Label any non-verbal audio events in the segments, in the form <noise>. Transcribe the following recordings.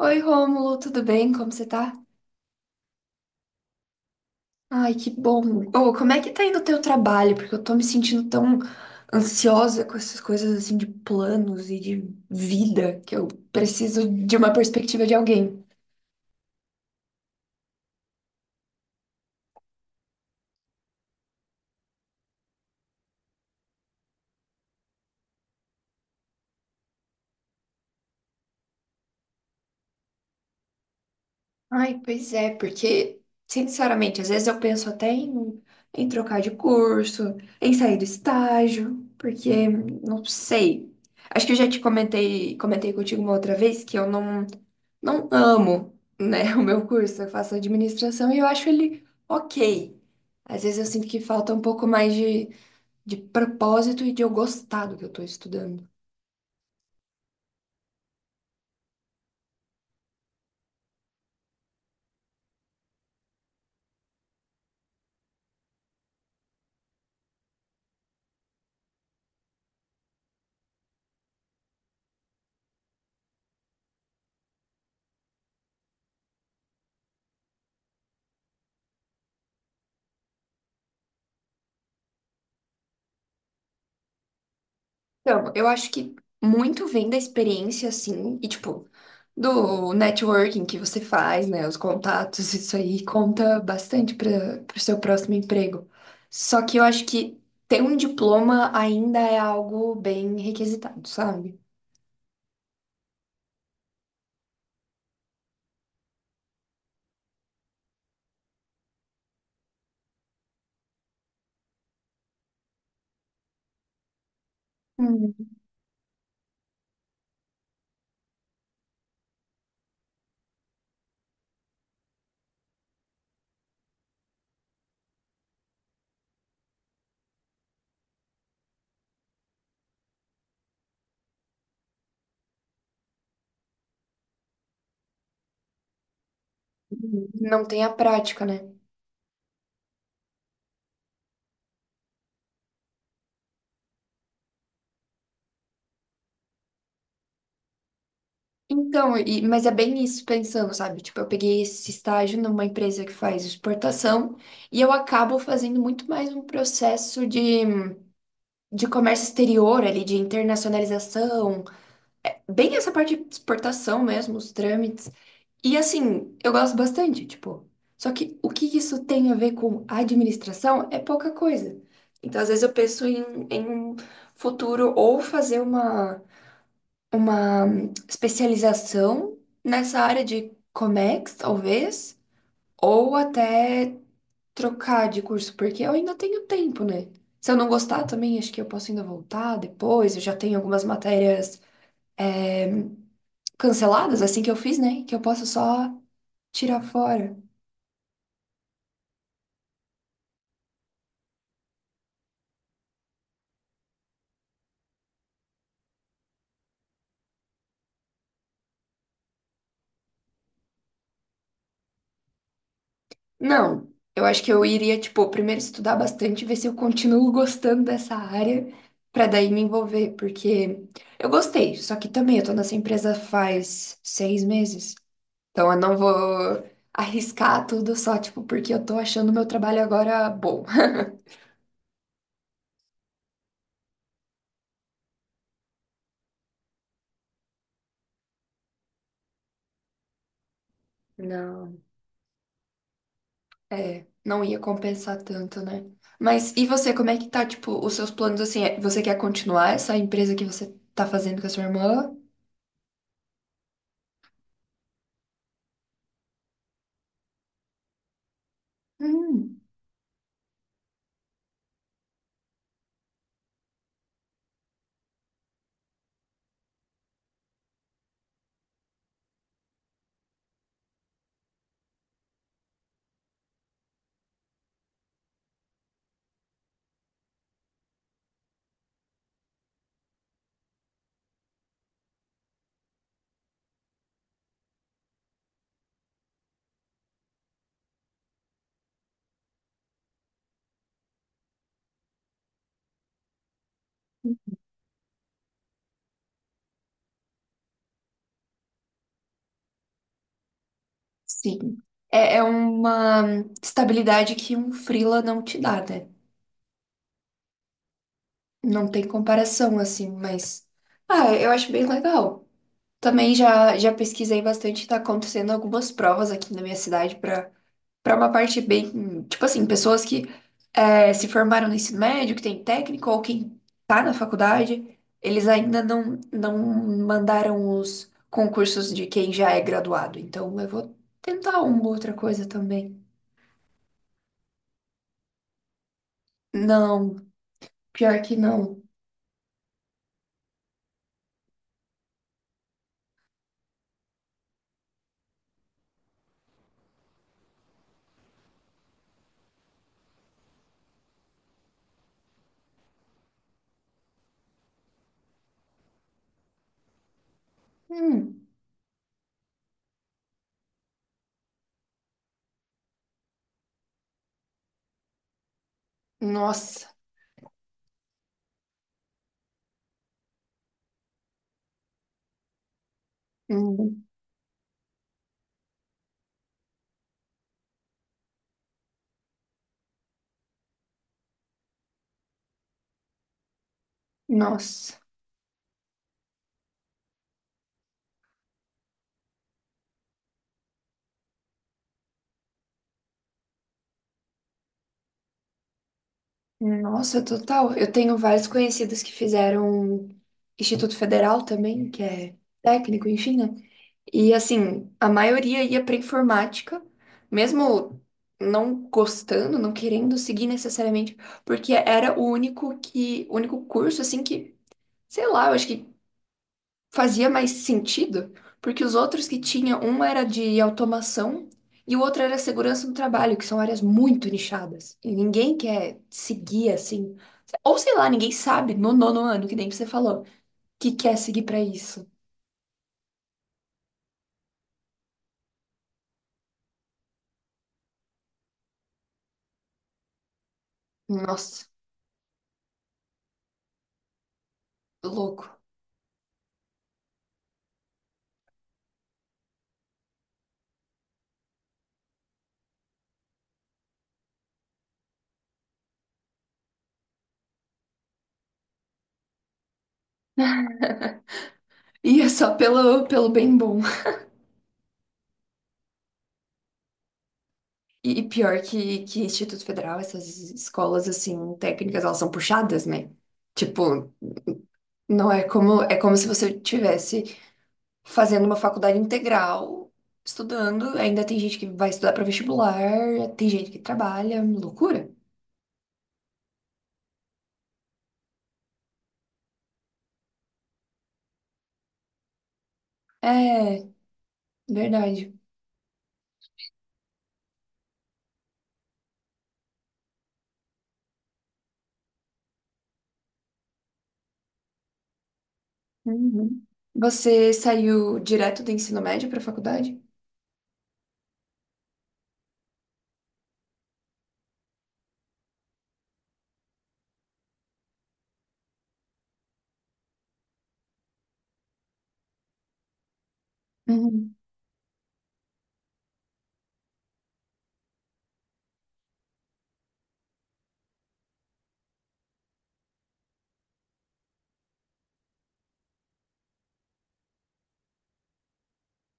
Oi, Rômulo, tudo bem? Como você tá? Ai, que bom. Ô, como é que tá indo o teu trabalho? Porque eu tô me sentindo tão ansiosa com essas coisas assim de planos e de vida que eu preciso de uma perspectiva de alguém. Ai, pois é, porque, sinceramente, às vezes eu penso até em trocar de curso, em sair do estágio, porque não sei. Acho que eu já te comentei contigo uma outra vez que eu não amo, né, <laughs> o meu curso. Eu faço administração e eu acho ele ok. Às vezes eu sinto que falta um pouco mais de propósito e de eu gostar do que eu tô estudando. Então, eu acho que muito vem da experiência, assim, e tipo, do networking que você faz, né, os contatos, isso aí conta bastante para o seu próximo emprego. Só que eu acho que ter um diploma ainda é algo bem requisitado, sabe? Hum. Não tem a prática, né? Então, e- mas é bem isso pensando, sabe? Tipo, eu peguei esse estágio numa empresa que faz exportação e eu acabo fazendo muito mais um processo de comércio exterior ali, de internacionalização, bem essa parte de exportação mesmo, os trâmites. E assim, eu gosto bastante, tipo. Só que o que isso tem a ver com administração é pouca coisa. Então, às vezes eu penso em um futuro ou fazer uma especialização nessa área de Comex, talvez, ou até trocar de curso, porque eu ainda tenho tempo, né? Se eu não gostar também, acho que eu posso ainda voltar depois. Eu já tenho algumas matérias canceladas, assim que eu fiz, né? Que eu posso só tirar fora. Não, eu acho que eu iria, tipo, primeiro estudar bastante, ver se eu continuo <laughs> gostando dessa área, pra daí me envolver, porque eu gostei, só que também eu tô nessa empresa faz 6 meses. Então eu não vou arriscar tudo só, tipo, porque eu tô achando meu trabalho agora bom. <laughs> Não. É, não ia compensar tanto, né? Mas e você, como é que tá, tipo, os seus planos assim? É, você quer continuar essa empresa que você tá fazendo com a sua irmã? Hum, sim. É, é uma estabilidade que um freela não te dá, né? Não tem comparação, assim, mas. Ah, eu acho bem legal. Também já pesquisei bastante, tá acontecendo algumas provas aqui na minha cidade para uma parte bem, tipo assim, pessoas que é, se formaram no ensino médio, que tem técnico, ou quem tá na faculdade, eles ainda não mandaram os concursos de quem já é graduado. Então eu vou tentar uma outra coisa também. Não, pior que não. Hum, nossa. Hum, nossa, nossa, total. Eu tenho vários conhecidos que fizeram Instituto Federal também, que é técnico, enfim, né? E assim, a maioria ia para informática, mesmo não gostando, não querendo seguir necessariamente, porque era o único o único curso assim que, sei lá, eu acho que fazia mais sentido, porque os outros que tinha, um era de automação e o outro era segurança no trabalho, que são áreas muito nichadas. E ninguém quer seguir assim, ou sei lá, ninguém sabe no nono ano, que nem você falou, que quer seguir para isso. Nossa, louco. E é só pelo, pelo bem bom. E pior que Instituto Federal, essas escolas, assim, técnicas, elas são puxadas, né? Tipo, não é como, é como se você tivesse fazendo uma faculdade integral, estudando, ainda tem gente que vai estudar para vestibular, tem gente que trabalha, loucura. É, verdade. Uhum. Você saiu direto do ensino médio para faculdade? Uhum.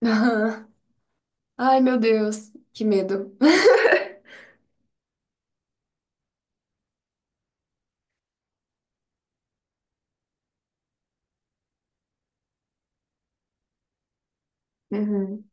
<laughs> Ai, meu Deus, que medo. Uhum.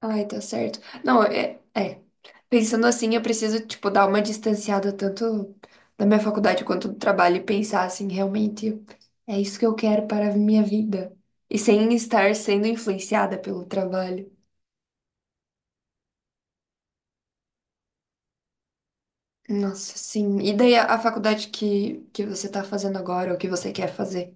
Ai, tá certo. Não, é, é. Pensando assim, eu preciso, tipo, dar uma distanciada tanto da minha faculdade quanto do trabalho e pensar assim, realmente, é isso que eu quero para a minha vida. E sem estar sendo influenciada pelo trabalho. Nossa, sim. E daí a faculdade que você tá fazendo agora, ou que você quer fazer?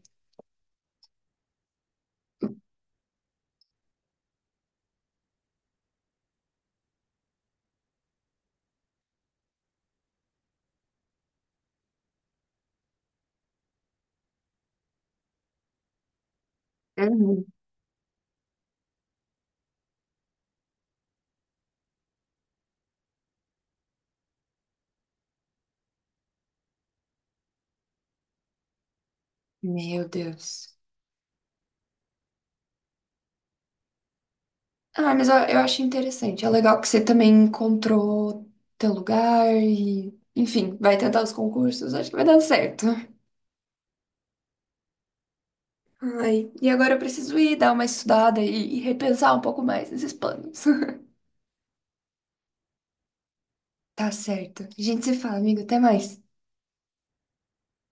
Uhum. Meu Deus. Ah, mas eu acho interessante. É legal que você também encontrou teu lugar e, enfim, vai tentar os concursos. Acho que vai dar certo. Ai, e agora eu preciso ir dar uma estudada e repensar um pouco mais nesses planos. <laughs> Tá certo. A gente se fala, amigo. Até mais.